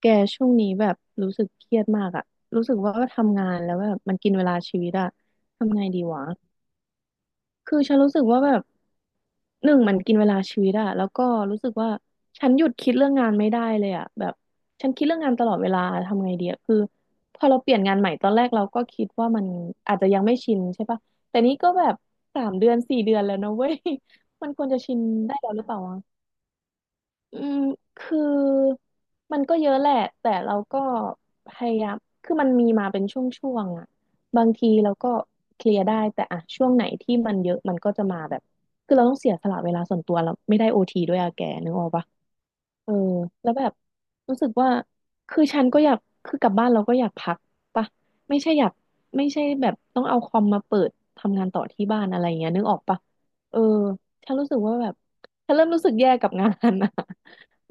แกช่วงนี้แบบรู้สึกเครียดมากอะรู้สึกว่าทำงานแล้วแบบมันกินเวลาชีวิตอะทำไงดีวะคือฉันรู้สึกว่าแบบหนึ่งมันกินเวลาชีวิตอะแล้วก็รู้สึกว่าฉันหยุดคิดเรื่องงานไม่ได้เลยอะแบบฉันคิดเรื่องงานตลอดเวลาทำไงดีอะคือพอเราเปลี่ยนงานใหม่ตอนแรกเราก็คิดว่ามันอาจจะยังไม่ชินใช่ปะแต่นี้ก็แบบ3 เดือน 4 เดือนแล้วนะเว้ย มันควรจะชินได้แล้วหรือเปล่าวะ อืมคือมันก็เยอะแหละแต่เราก็พยายามคือมันมีมาเป็นช่วงๆอ่ะบางทีเราก็เคลียร์ได้แต่อ่ะช่วงไหนที่มันเยอะมันก็จะมาแบบคือเราต้องเสียสละเวลาส่วนตัวเราไม่ได้โอทีด้วยอะแกนึกออกปะเออแล้วแบบรู้สึกว่าคือฉันก็อยากคือกลับบ้านเราก็อยากพักปะไม่ใช่อยากไม่ใช่แบบต้องเอาคอมมาเปิดทำงานต่อที่บ้านอะไรอย่างเงี้ยนึกออกปะเออฉันรู้สึกว่าแบบฉันเริ่มรู้สึกแย่กับงานอะ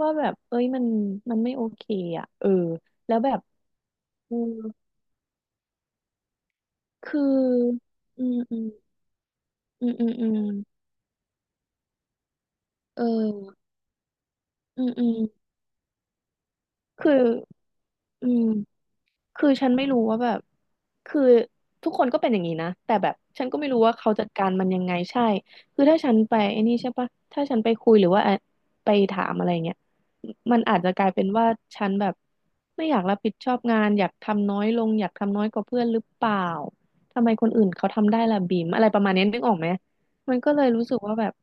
ว่าแบบ เอ้ยมันไม่โอเคอ่ะเออแล้วแบบเออคืออืมอืมอืมอืมอืมเอออืมอืมคืออืม คือฉันไม่รู้ว่าแบบคือทุกคนก็เป็นอย่างนี้นะแต่แบบฉันก็ไม่รู้ว่าเขาจัดการมันยังไงใช่คือถ้าฉันไปไอ้นี่ใช่ปะถ้าฉันไปคุยหรือว่าไปถามอะไรเงี้ยมันอาจจะกลายเป็นว่าฉันแบบไม่อยากรับผิดชอบงานอยากทำน้อยลงอยากทำน้อยกว่าเพื่อนหรือเปล่าทำไมคนอื่นเขาทำได้ล่ะบีมอะไรประมาณนี้นึกออกไหมมันก็เลยรู้สึกว่าแบบ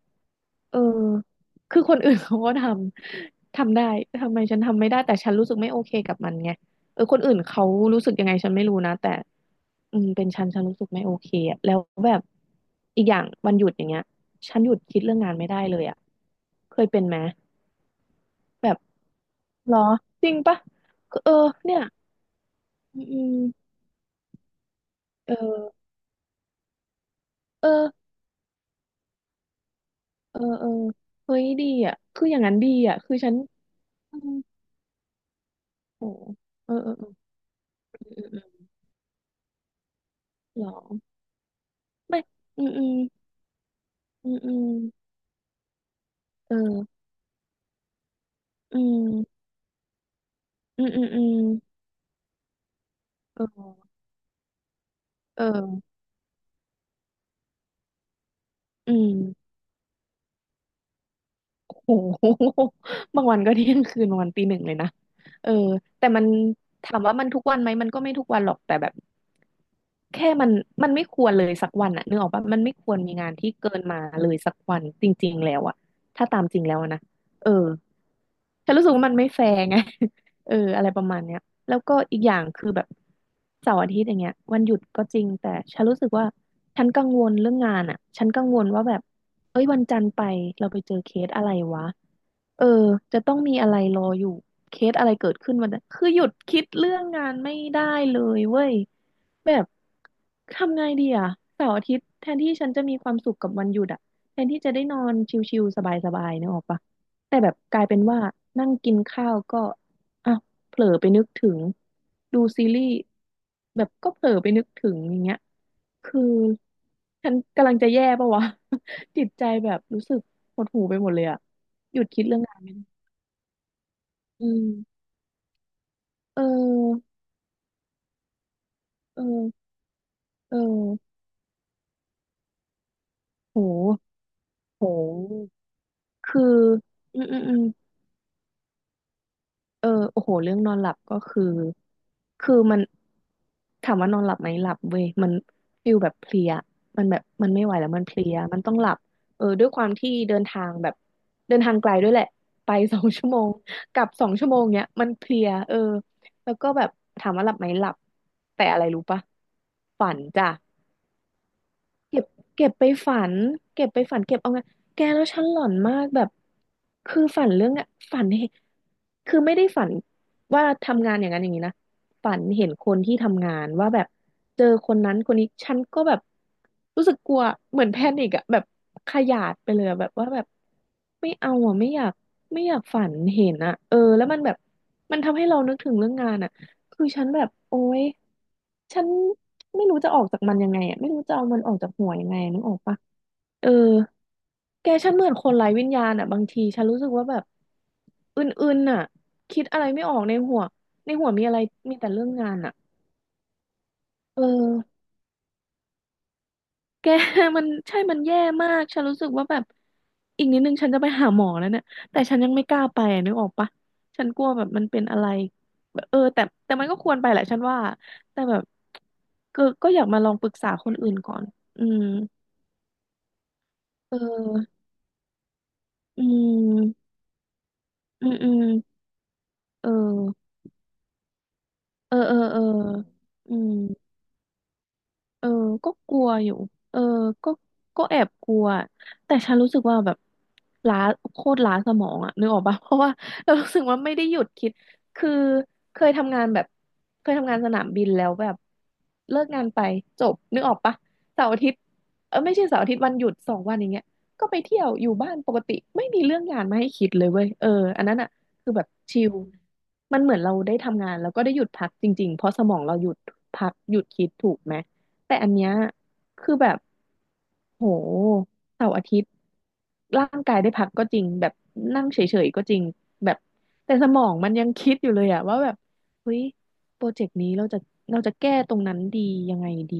เออคือคนอื่น เขาก็ทำได้ ทำไมฉันทำไม่ได้แต่ฉันรู้สึกไม่โอเคกับมันไงเออคนอื่นเขารู้สึกยังไงฉันไม่รู้นะแต่อืมเป็นฉันฉันรู้สึกไม่โอเคอะแล้วแบบ อีกอย่างวันหยุดอย่างเงี้ยฉันหยุดคิดเรื่องงานไม่ได้เลยอะเคยเป็นไหมแบบเหรอจริงปะเออเนี่ยอืมอืมเออเออเออเออเฮ้ยดีอ่ะคืออย่างนั้นดีอ่ะคือฉันอืมโอ้เออเออเออเออเออเออหรอไม่อืมอืม อืมอืมเอออืม อืมอืมอืมเออเอออืมโห บางวันก็เที่ยงคืนบางวันตีหนึ่งเลยนะเออแต่มันถามว่ามันทุกวันไหมมันก็ไม่ทุกวันหรอกแต่แบบแค่มันไม่ควรเลยสักวันอะนึกออกปะมันไม่ควรมีงานที่เกินมาเลยสักวันจริงๆแล้วอะถ้าตามจริงแล้วอะนะเออ ฉันรู้สึกว่ามันไม่แฟร์ไง เออ อะไรประมาณเนี้ยแล้วก็อีกอย่างคือแบบเสาร์อาทิตย์อย่างเงี้ยวันหยุดก็จริงแต่ฉันรู้สึกว่าฉันกังวลเรื่องงานอ่ะ ฉันกังวลว่าแบบเอ้ยวันจันทร์ไปเราไปเจอเคสอะไรวะเออจะต้องมีอะไรรออยู่เคสอะไรเกิดขึ้นวันนั้นคือหยุดคิดเรื่องงานไม่ได้เลยเว้ยแบบทำไงดีอ่ะเสาร์อาทิตย์แทนที่ฉันจะมีความสุขกับวันหยุดอ่ะแทนที่จะได้นอนชิลๆสบายๆนึกออกปะ แต่แบบกลายเป็นว่านั่งกินข้าวก็อ่ะเผลอไปนึกถึงดูซีรีส์แบบก็เผลอไปนึกถึงอย่างเงี้ยคือฉันกำลังจะแย่ปะวะ จิตใจแบบรู้สึกหดหู่ไปหมดเลยอะหยุดคิดเรื่องงานไม่ได้อืมเออเออเออโหโหคืออืมอืมอืม เออโอ้โหเรื่องนอนหลับก็คือคือมันถามว่านอนหลับไหมหลับเว้ยมันฟิลแบบเพลียมันแบบมันไม่ไหวแล้วมันเพลียมันต้องหลับเออด้วยความที่เดินทางแบบเดินทางไกลด้วยแหละไปสองชั่วโมงกลับสองชั่วโมงเนี้ยมันเพลียเออแล้วก็แบบถามว่าหลับไหมหลับแต่อะไรรู้ปะฝันจ้ะ เก็บเก็บไปฝันเก็บไปฝันเก็บเอาไงแกแล้วฉันหลอนมากแบบคือฝันเรื่องอะฝันเห็นคือไม่ได้ฝันว่าทำงานอย่างนั้นอย่างนี้นะฝันเห็นคนที่ทำงานว่าแบบเจอคนนั้นคนนี้ฉันก็แบบรู้สึกกลัวเหมือนแพนิกอะแบบขยาดไปเลยอะแบบว่าแบบไม่เอาอะไม่อยากไม่อยากฝันเห็นอะเออแล้วมันแบบมันทำให้เรานึกถึงเรื่องงานอะ คือฉันแบบโอ๊ยฉันไม่รู้จะออกจากมันยังไงอ่ะไม่รู้จะเอามันออกจากหัวยังไงนึกออกปะเออแกฉันเหมือนคนไร้วิญญาณอ่ะบางทีฉันรู้สึกว่าแบบอึนๆอ่ะคิดอะไรไม่ออกในหัวในหัวมีอะไรมีแต่เรื่องงานอ่ะเออ แก มัน ใช่มันแย่มากฉันรู้สึกว่าแบบอีกนิดนึงฉันจะไปหาหมอแล้วเนี่ย แต่ฉันยังไม่กล้าไปอะนึกออกปะฉันกลัวแบบมันเป็นอะไรแบบแต่มันก็ควรไปแหละฉันว่า แต่แบบก็อยากมาลองปรึกษาคนอื่นก่อน อืม เออ อืม อืมอืมเออเออ เออเอออืม เออก็กลัวอยู่เออก็ก็แอบกลัว แต่ฉันรู้สึกว่าแบบล้าโคตรล้าสมองอะนึกออกปะ เพราะว่าเรารู้สึกว่าไม่ได้หยุดคิด คือเคยทำงานแบบเคยทำงานสนามบินแล้วแบบเลิกงานไปจบนึกออกปะเสาร์อาทิตย์เออไม่ใช่เสาร์อาทิตย์วันหยุดสองวันอย่างเงี้ยก็ไปเที่ยวอยู่บ้านปกติไม่มีเรื่องงานมาให้คิดเลยเว้ยเอออันนั้นอะคือแบบชิลมันเหมือนเราได้ทำงานแล้วก็ได้หยุดพักจริงๆเพราะสมองเราหยุดพักหยุดคิดถูกไหม แต่อันเนี้ยคือแบบ โหเสาร์อาทิตย์ร่างกายได้พักก็จริงแบบนั่งเฉยๆก็จริงแบบแต่สมองมันยังคิดอยู่เลยอะว่าแบบเฮ้ยโปรเจกต์นี้เราจะแก้ตรงนั้นดียังไงดี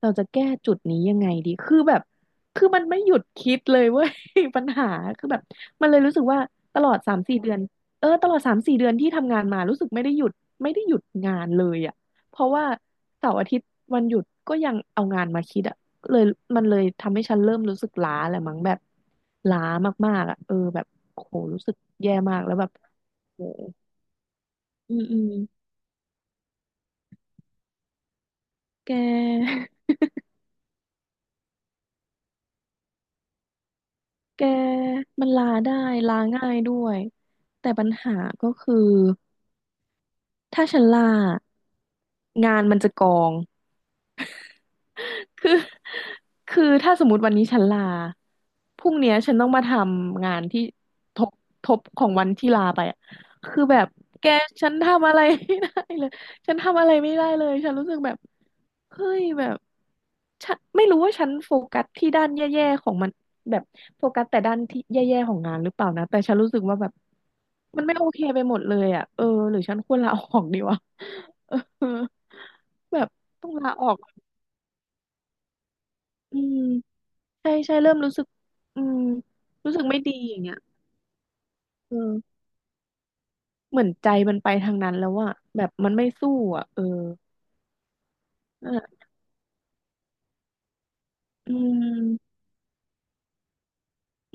เราจะแก้จุดนี้ยังไงดีคือแบบคือมันไม่หยุดคิดเลยเว้ย ปัญหาคือแบบมันเลยรู้สึกว่าตลอดสามสี่เดือนเออตลอดสามสี่เดือนที่ทำงานมารู้สึกไม่ได้หยุดไม่ได้หยุดงานเลยอะเพราะว่าเสาร์อาทิตย์วันหยุดก็ยังเอางานมาคิดอะ เลยมันเลยทำให้ฉันเริ่มรู้สึกล้าแหละมั้งแบบล้ามากๆอ่ะเออแบบโหรู้สึกแย่มากแล้วแบบโหอืมอืมแก แกมันลาได้ลาง่ายด้วยแต่ปัญหาก็คือถ้าฉันลางานมันจะกอง คือ คือถ้าสมมติวันนี้ฉันลาพรุ่งเนี้ยฉันต้องมาทำงานที่ทบทบของวันที่ลาไปอะคือแบบแกฉันทำอะไรไม่ได้เลยฉันทำอะไรไม่ได้เลยฉันรู้สึกแบบเฮ้ยแบบฉันไม่รู้ว่าฉันโฟกัสที่ด้านแย่ๆของมันแบบโฟกัสแต่ด้านที่แย่ๆของงานหรือเปล่านะ แต่ฉันรู้สึกว่าแบบมันไม่โอเคไปหมดเลยอ่ะเออ หรือฉันควรลาออกดีวะ เออแบบต้องลาออกอืม ใช่ใช่เริ่มรู้สึกอืมรู้สึกไม่ดีอย่างเงี้ยเออเหมือนใจมันไปทางนั้นแล้วอะแบบมันไม่สู้อะเออนั่นแหละอืม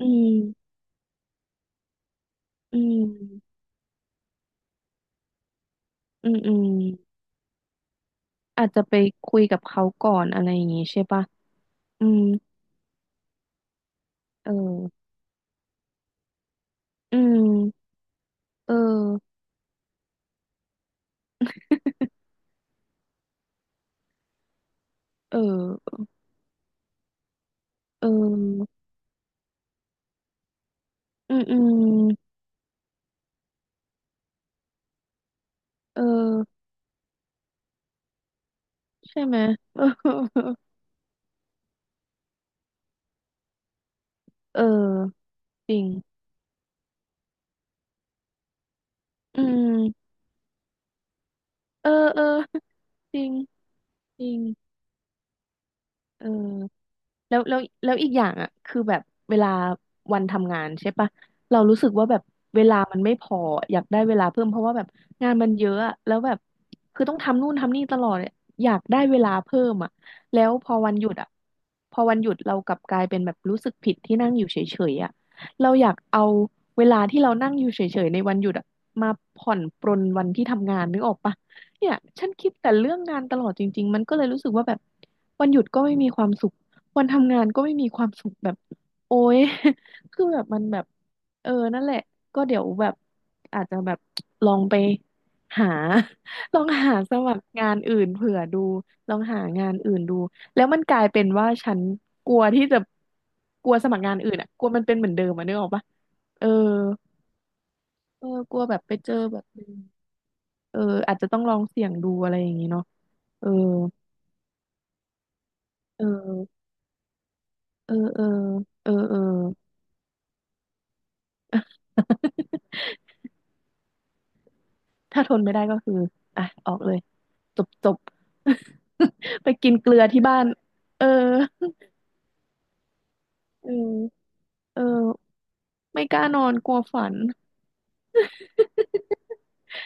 อืมอืมอืมอาจจะไปคุยกับเขาก่อนอะไรอย่างงี้ใช่ปะอืมเอออืมเออเออเอออืมอืมเออใช่ไหม เออ เออจริงอืมเออเออ จริง จริงเออ แล้วอีกอย่างอ่ะคือแบบเวลาวันทำงานใช่ปะเรารู้สึกว่าแบบเวลามันไม่พออยากได้เวลาเพิ่มเพราะว่าแบบงานมันเยอะอะแล้วแบบคือต้องทำนู่นทำนี่ตลอดอะอยากได้เวลาเพิ่มอ่ะแล้วพอวันหยุดอ่ะพอวันหยุดเรากลับกลายเป็นแบบรู้สึกผิดที่นั่งอยู่เฉยๆอ่ะเราอยากเอาเวลาที่เรานั่งอยู่เฉยๆในวันหยุดอ่ะมาผ่อนปรนวันที่ทำงานนึกออกปะเนี่ยฉันคิดแต่เรื่องงานตลอดจริงๆมันก็เลยรู้สึกว่าแบบวันหยุดก็ไม่มีความสุข วันทำงานก็ไม่มีความสุขแบบโอ๊ย คือแบบมันแบบเออนั่นแหละก็เดี๋ยวแบบอาจจะแบบลองไปหา ลองหาสมัครงานอื่นเผื่อดูลองหางานอื่นดูแล้วมันกลายเป็นว่าฉันกลัวที่จะกลัวสมัครงานอื่นอ่ะกลัวมันเป็นเหมือนเดิมอ่ะนึกออกปะเออเออกลัวแบบไปเจอแบบเดิมเอออาจจะต้องลองเสี่ยงดูอะไรอย่างงี้เนาะเออเออเออเออเออเออ ถ้าทนไม่ได้ก็คือ อ่ะ ออกเลย จบ จบ ไปกินเกลือที่บ้าน เออ เออเออไม่กล้านอนกลัวฝัน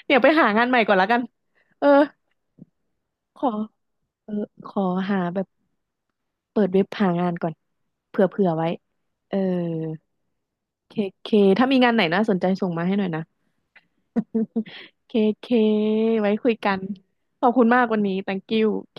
เดี๋ยวไปหางานใหม่ก่อนละกัน เออ ขอ เออ ขอหาแบบเปิดเว็บหางานก่อนเผื่อไว้ เออ เค เค ถ้ามีงานไหนน่าสนใจส่งมาให้หน่อยนะ เค เค ไว้คุยกัน ขอบคุณมากวันนี้ thank you เค